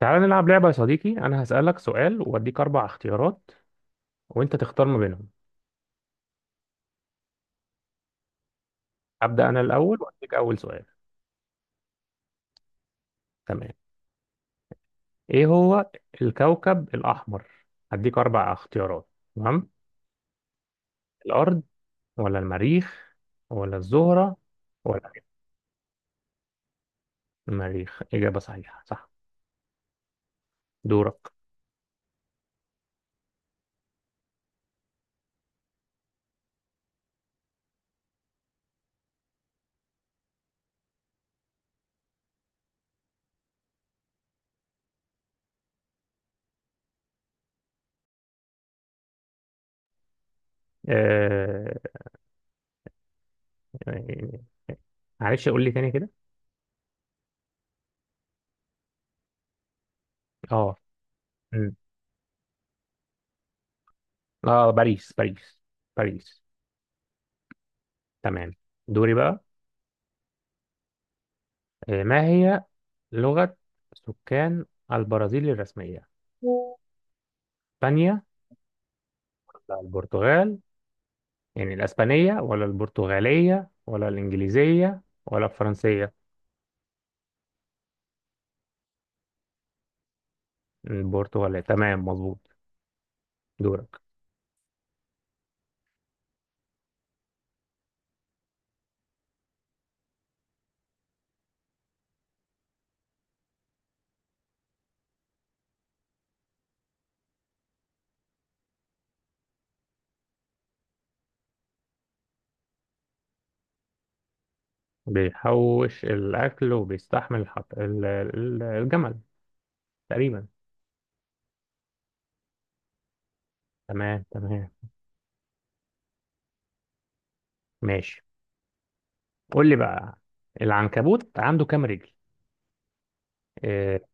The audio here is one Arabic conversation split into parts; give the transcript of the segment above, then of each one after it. تعال نلعب لعبة يا صديقي، أنا هسألك سؤال وأديك أربع اختيارات وأنت تختار ما بينهم. أبدأ أنا الأول وأديك أول سؤال. تمام. إيه هو الكوكب الأحمر؟ هديك أربع اختيارات. تمام. الأرض ولا المريخ ولا الزهرة ولا المريخ؟ إجابة صحيحة، صح. دورك. آه... معلش، قول لي تاني كده. اه. مم. اه، باريس باريس باريس. تمام. دوري بقى. ما هي لغة سكان البرازيل الرسمية؟ اسبانيا ولا البرتغال؟ يعني الاسبانية ولا البرتغالية ولا الانجليزية ولا الفرنسية؟ البرتغالية، تمام، مظبوط. دورك. بيحوش الاكل وبيستحمل الجمل، تقريبا. تمام تمام. ماشي، قول لي بقى، العنكبوت عنده كام رجل؟ إيه؟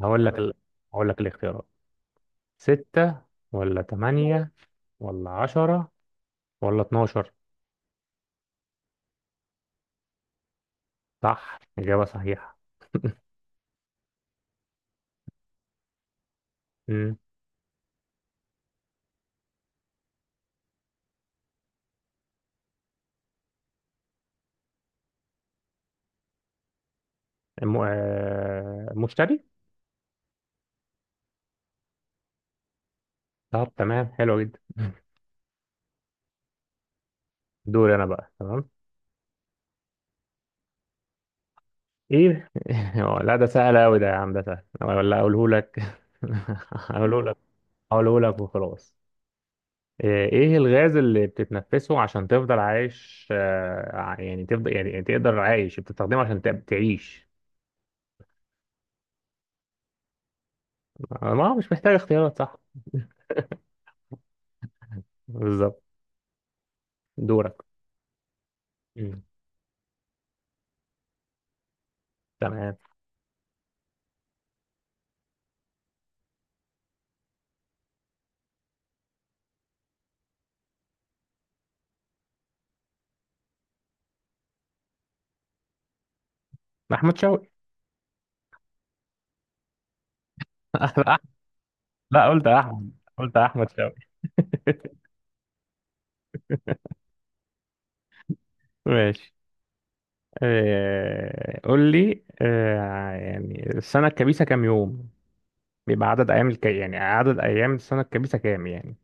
هقول لك ال... هقول لك الاختيارات: ستة ولا تمانية ولا 10 ولا 12؟ صح، إجابة صحيحة. مم. الم... آه، مشتري. طب تمام، حلو جدا. دوري أنا بقى، تمام. إيه؟ لا، ده سهل أوي، ده يا عم، ده سهل ولا أقوله لك؟ أقوله لك. أقوله لك وخلاص. إيه الغاز اللي بتتنفسه عشان تفضل عايش، يعني تفضل، يعني تقدر عايش، بتستخدمه عشان تعيش؟ ما هو مش محتاج اختيارات، صح؟ بالظبط. دورك. مم. تمام. أحمد شوقي. لا، قلت أحمد، قلت أحمد شوقي. ماشي. قول لي، يعني السنة الكبيسة كام يوم؟ بيبقى عدد أيام يعني عدد أيام السنة الكبيسة كام يعني؟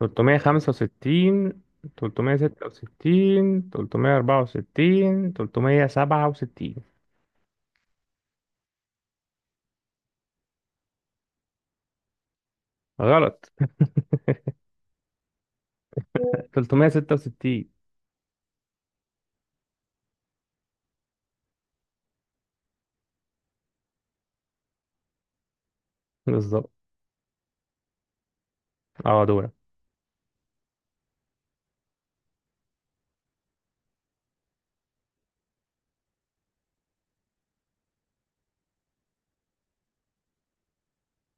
365، 366، 364، 367. غلط. 366، بالظبط. اه، دول.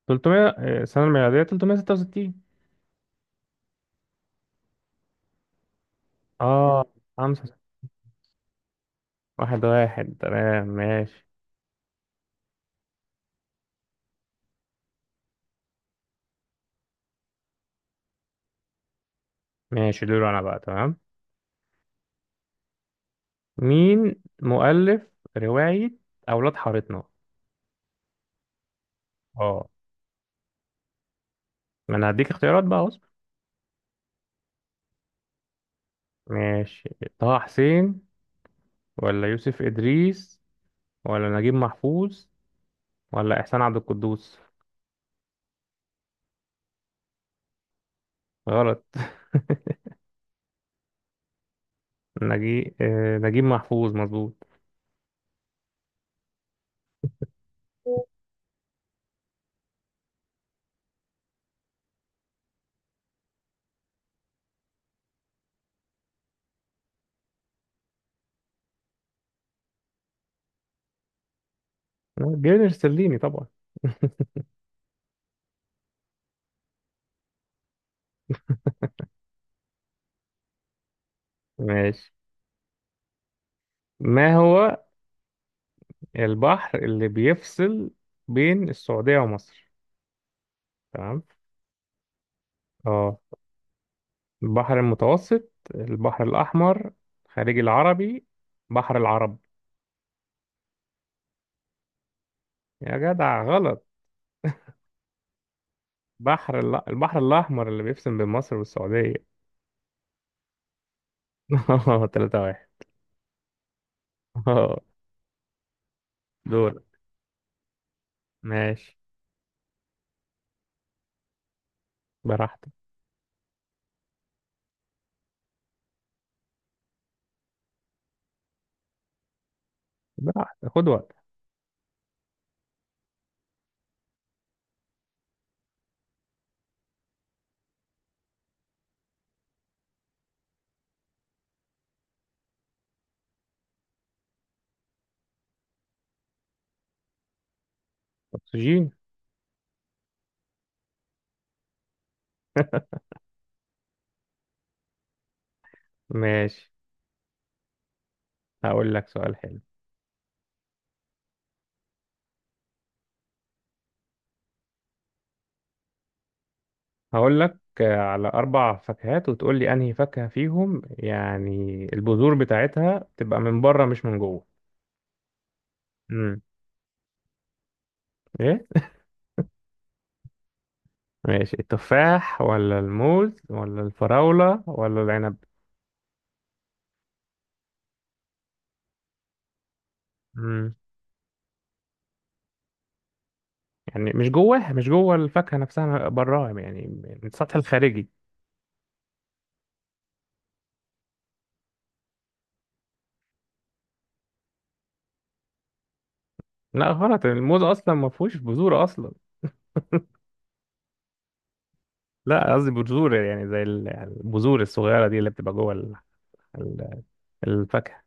300، السنة الميلادية 366. اه، 5. 1-1، تمام. ماشي ماشي. دول أنا بقى، تمام. مين مؤلف رواية أولاد حارتنا؟ اه، ما انا هديك اختيارات بقى، اصبر. ماشي. طه حسين ولا يوسف إدريس ولا نجيب محفوظ ولا إحسان عبد القدوس؟ غلط. نجيب محفوظ، مظبوط. جابر سليني طبعا. ماشي. ما هو البحر اللي بيفصل بين السعودية ومصر، تمام؟ اه، البحر المتوسط، البحر الأحمر، خليج العربي، بحر العرب. يا جدع غلط. البحر الأحمر اللي بيفصل بين مصر والسعودية. 3-1. اه، دول. ماشي. براحتك. براحتك، خد وقت. أكسجين. ماشي. هقول لك سؤال حلو. هقول لك على أربع فاكهات وتقول لي أنهي فاكهة فيهم، يعني البذور بتاعتها تبقى من بره مش من جوه. امم. إيه؟ ماشي، التفاح ولا الموز ولا الفراولة ولا العنب؟ يعني مش جواها، مش جوه الفاكهة نفسها، براها يعني، من السطح الخارجي. لا غلط، الموز اصلا ما فيهوش بذور اصلا. لا، قصدي بذور يعني زي البذور الصغيرة دي اللي بتبقى جوه ال- الفاكهة.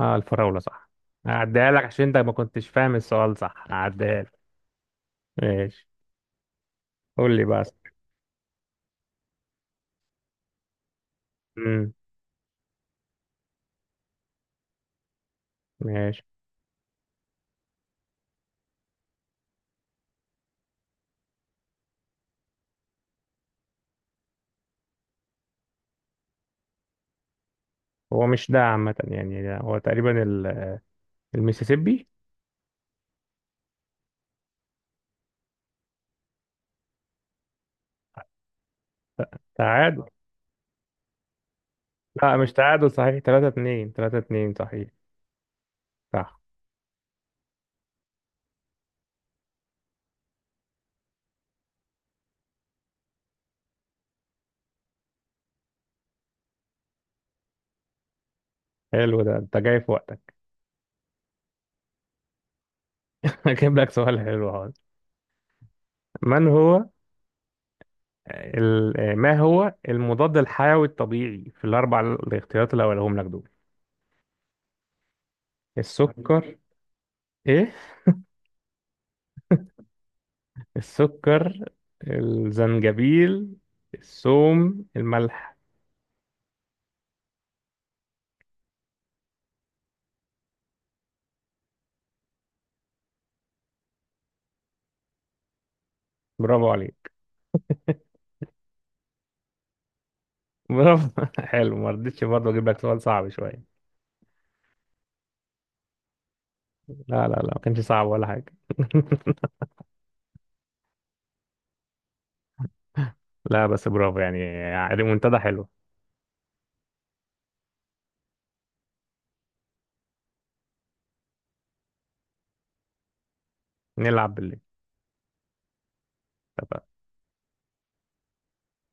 اه، الفراولة صح. هعديها لك عشان انت ما كنتش فاهم السؤال، صح، هعديها لك. ماشي، قول لي بقى. امم. ماشي. هو مش ده عامة، يعني ده هو تقريبا المسيسيبي. تعادل. لا، مش تعادل، صحيح 3-2، 3-2، صحيح. صح. حلو، ده انت جاي في وقتك. هجيب لك سؤال حلو هذا. من هو ما هو المضاد الحيوي الطبيعي في الاربع الاختيارات اللي هقولهم لك دول؟ السكر. ايه؟ السكر، الزنجبيل، الثوم، الملح. برافو عليك. برافو. حلو، ما رضيتش برضه، اجيب لك سؤال صعب شويه. لا لا لا، ما كانش صعب ولا حاجه. لا، بس برافو، يعني منتدى حلو. نلعب بالليل.